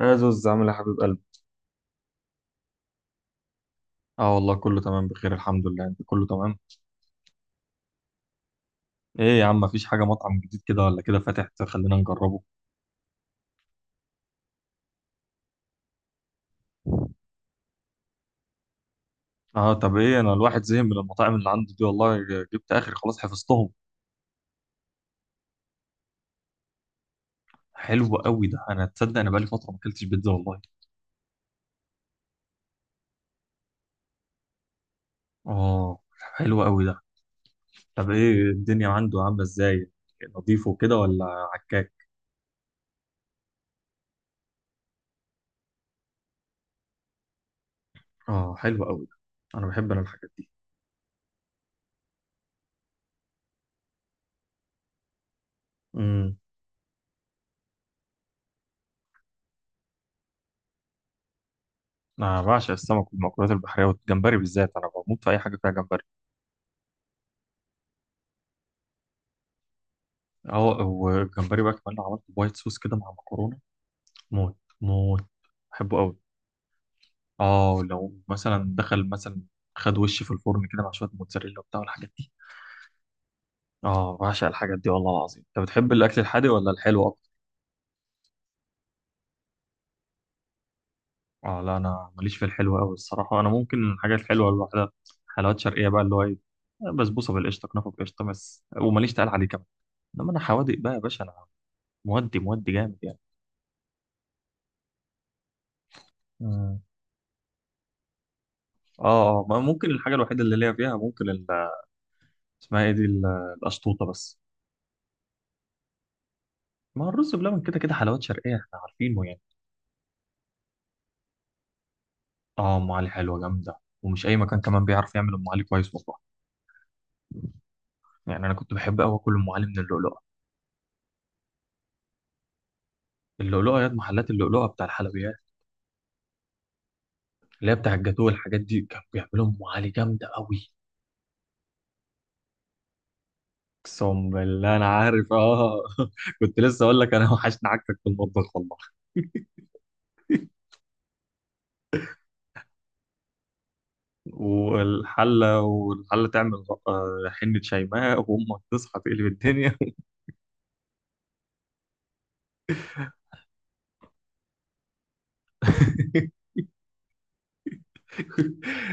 يا زوز، عامل إيه يا حبيب قلبي؟ اه، والله كله تمام بخير الحمد لله. انت كله تمام؟ ايه يا عم، مفيش حاجه مطعم جديد كده ولا كده فاتح؟ خلينا نجربه. اه، طب ايه، انا الواحد زهق من المطاعم اللي عنده دي والله، جبت اخر خلاص حفظتهم. حلو قوي ده. انا تصدق انا بقالي فتره ما اكلتش بيتزا والله. اه، حلو قوي ده. طب ايه الدنيا عنده عامله ازاي؟ نظيف وكده ولا عكاك؟ اه، حلو قوي ده. انا بحب الحاجات دي. امم. انا بعشق السمك والمأكولات البحريه والجمبري بالذات، انا بموت في اي حاجه فيها جمبري. اه، والجمبري بقى كمان لو عملت وايت صوص كده مع مكرونه، موت موت. بحبه قوي. اه، لو مثلا دخل مثلا، خد وشي في الفرن كده مع شويه موتزاريلا وبتاع والحاجات دي. اه، بعشق الحاجات دي والله العظيم. انت بتحب الاكل الحادق ولا الحلو اكتر؟ اه، لا، انا ماليش في الحلو قوي الصراحه. انا ممكن الحاجات الحلوه، الواحده حلويات شرقيه بقى اللي هو ايه، بسبوسه بالقشطه، كنافه بالقشطه بس. وماليش تقال عليه كمان. انما انا حوادق بقى يا باشا، انا مودي مودي جامد يعني. مم. اه، اه، ما ممكن الحاجه الوحيده اللي ليا فيها، ممكن اسمها ايه دي، القشطوطه بس. ما هو الرز بلبن كده كده حلوات شرقيه، احنا عارفينه يعني. اه، ام علي حلوه جامده، ومش اي مكان كمان بيعرف يعمل ام علي كويس والله. يعني انا كنت بحب قوي اكل ام علي من اللؤلؤه. اللؤلؤه، يا محلات اللؤلؤه بتاع الحلويات. اللي هي بتاع الجاتوه والحاجات دي، كانوا بيعملوا ام علي جامده قوي. اقسم بالله انا عارف، اه كنت لسه اقول لك انا وحشني عكك في المطبخ والله. والحله تعمل آه، حنه شيماء وامك تصحى تقلب الدنيا.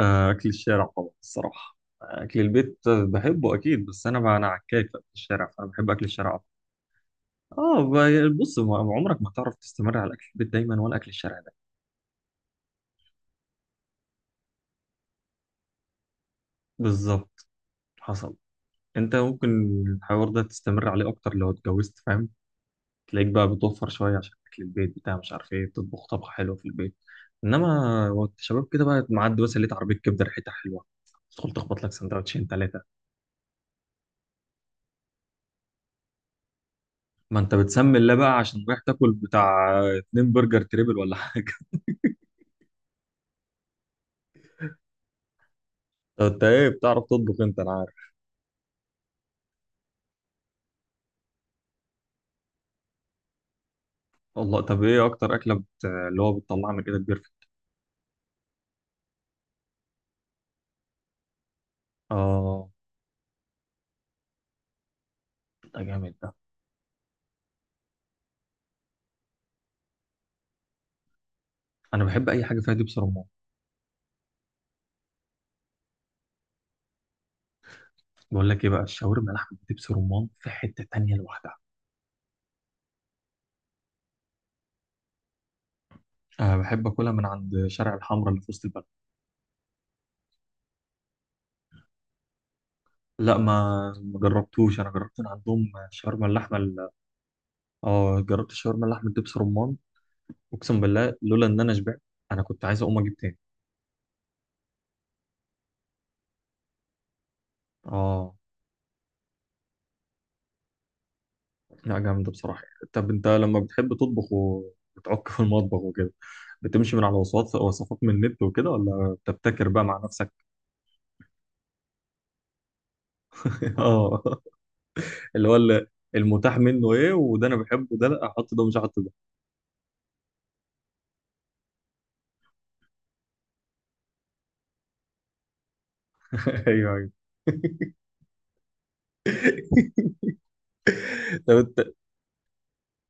آه، أكل الشارع طبعا الصراحة. آه، أكل البيت بحبه أكيد، بس أنا بقى أنا عكاك في أكل الشارع، فأنا بحب أكل الشارع أكتر. آه، بص عمرك ما تعرف تستمر على أكل البيت دايما ولا أكل الشارع ده. بالظبط، حصل. أنت ممكن الحوار ده تستمر عليه أكتر لو اتجوزت، فاهم. تلاقيك بقى بتوفر شوية عشان أكل البيت، بتاع مش عارف إيه، تطبخ طبخة حلوة في البيت. إنما وقت الشباب كده بقى، معدي مثلا لقيت عربية كبدة ريحتها حلوة، تدخل تخبط لك سندوتشين تلاتة. ما انت بتسمي الله بقى عشان رايح تاكل بتاع اتنين برجر تريبل ولا حاجه. طب انت، ايه بتعرف تطبخ انت؟ انا عارف. والله، طب ايه اكتر اكله اللي هو بتطلع من ايدك بيرفكت. اه، ده جامد ده. انا بحب اي حاجه فيها دبس رمان. بقول لك ايه بقى، الشاورما لحمه دبس رمان في حته تانية لوحدها. أه، بحب اكلها من عند شارع الحمراء اللي في وسط البلد. لا، ما جربتوش، انا جربت من عندهم شاورما اللحمه اه، جربت الشاورما اللحمه دبس رمان. اقسم بالله لولا ان انا شبعت، انا كنت عايز اقوم اجيب تاني. اه، لا، جامدة بصراحة. طب انت لما بتحب تطبخ وبتعك في المطبخ وكده، بتمشي من على وصفات وصفات من النت وكده، ولا بتبتكر بقى مع نفسك؟ اه. اللي هو المتاح منه ايه، وده انا بحبه ده لا احط ده مش هحط ده. ايوه، ايوه. طب انت،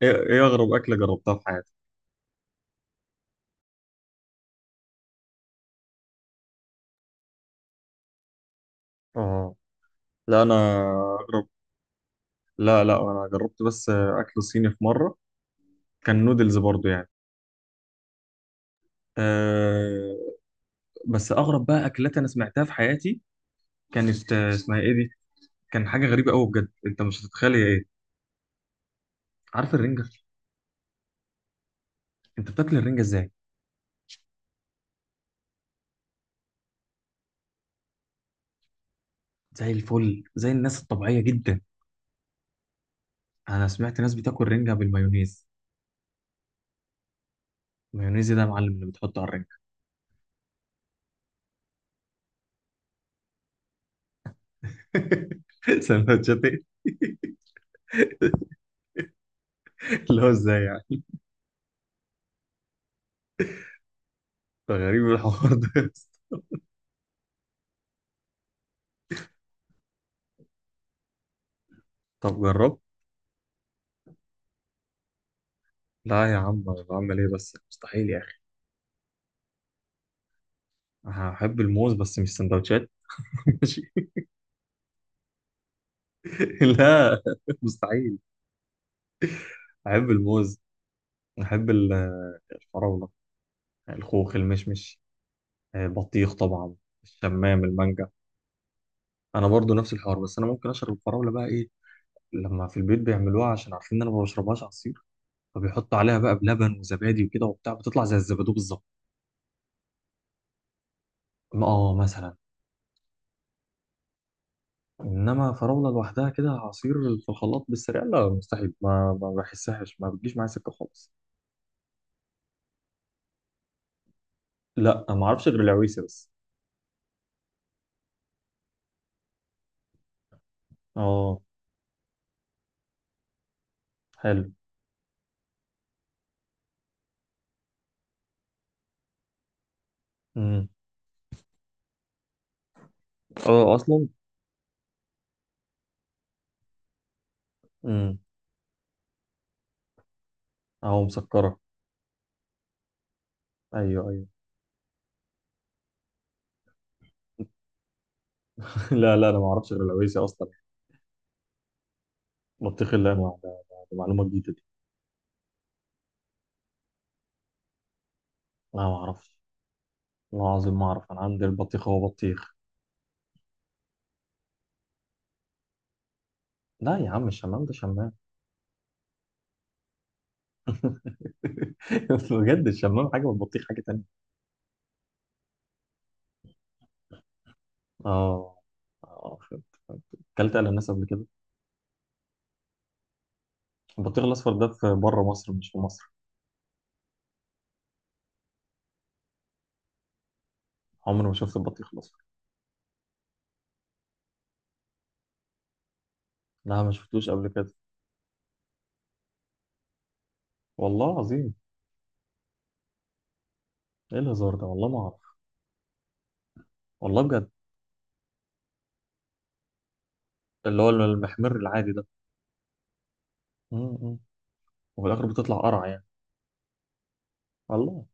ايه اغرب اكلة جربتها في حياتك؟ اه، لا، انا اغرب. لا، لا، انا جربت بس اكل صيني في مرة. كان نودلز برضو يعني. أه، بس اغرب بقى اكلات انا سمعتها في حياتي، كانت اسمها ايه دي، كان حاجه غريبه قوي بجد، انت مش هتتخيل هي ايه. عارف الرنجه؟ انت بتاكل الرنجه ازاي؟ زي الفل، زي الناس الطبيعيه جدا. انا سمعت ناس بتاكل رنجه بالمايونيز. المايونيز ده يا معلم اللي بتحطه على الرنجه؟ سندوتشات ايه؟ اللي هو ازاي يعني؟ ده غريب الحوار ده. طب جربت؟ لا يا عم، أنا بعمل ايه بس، مستحيل يا اخي. هحب الموز بس مش سندوتشات. ماشي. لا، مستحيل. احب الموز. احب الفراوله، الخوخ، المشمش، آه، بطيخ طبعا، الشمام، المانجا. انا برضو نفس الحوار، بس انا ممكن اشرب الفراوله بقى ايه، لما في البيت بيعملوها عشان عارفين ان انا ما بشربهاش عصير. فبيحطوا عليها بقى بلبن وزبادي وكده وبتاع، بتطلع زي الزبادو بالظبط. اه، مثلا. انما فراوله لوحدها كده عصير، في الخلاط بالسريع، لا مستحيل، ما بحسهاش، ما بتجيش معايا سكه خالص. لا، ما اعرفش غير العويسه بس. اه، حلو. امم. اه، اصلا. امم. اهو مسكره. ايوه، ايوه. لا، لا، انا ما اعرفش غير العويسه اصلا. بطيخ اللي انواع ده؟ ده معلومه جديده. لا، ما اعرفش. والله العظيم ما اعرف، انا عندي البطيخ هو بطيخ. لا يا عم، الشمام ده شمام. بجد، الشمام حاجه والبطيخ حاجه تانية. اه، اه، فهمت، فهمت. اكلت الاناس قبل كده؟ البطيخ الاصفر ده في بره مصر، مش في مصر؟ عمري ما شفت البطيخ الاصفر. لا، ما شفتوش قبل كده. والله العظيم. ايه الهزار ده؟ والله ما اعرف. والله بجد. اللي هو المحمر العادي ده؟ م- م. وفي الاخر بتطلع قرع يعني. والله.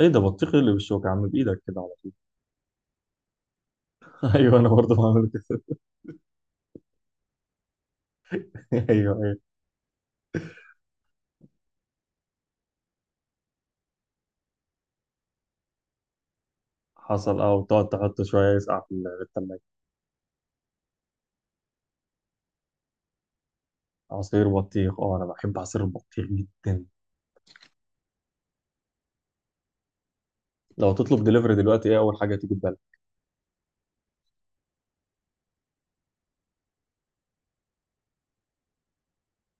ايه ده، بطيخ إيه اللي بالشوكه يا عم، بايدك كده على طول. ايوه، انا برضه بعمل كده. ايوه. حصل، اه، وتقعد تحط شوية يسقع في في التلاجة. عصير بطيخ، اه، أنا بحب عصير البطيخ جدا. لو تطلب دليفري دلوقتي إيه أول حاجة تيجي في بالك؟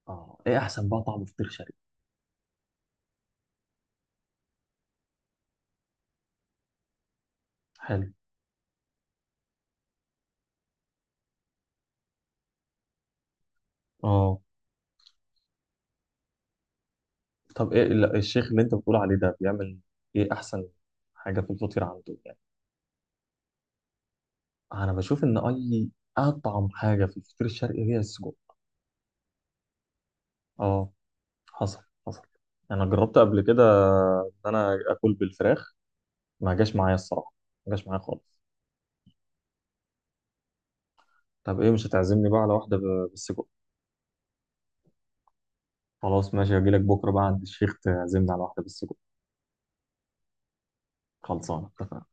اه، إيه أحسن بقى طعم فطير شرقي؟ حلو. اه، طب إيه الشيخ اللي أنت بتقول عليه ده بيعمل إيه أحسن حاجة في الفطير عنده يعني؟ أنا بشوف إن أي أطعم حاجة في الفطير الشرقي هي السجق. اه، حصل، حصل، أنا جربت قبل كده إن أنا آكل بالفراخ، ما جاش معايا الصراحة. ما جاش معايا خالص. طب إيه، مش هتعزمني بقى على واحدة بالسجق؟ خلاص، ماشي، هجيلك بكرة بقى عند الشيخ، تعزمنا على واحدة بس. خلصانة، اتفقنا.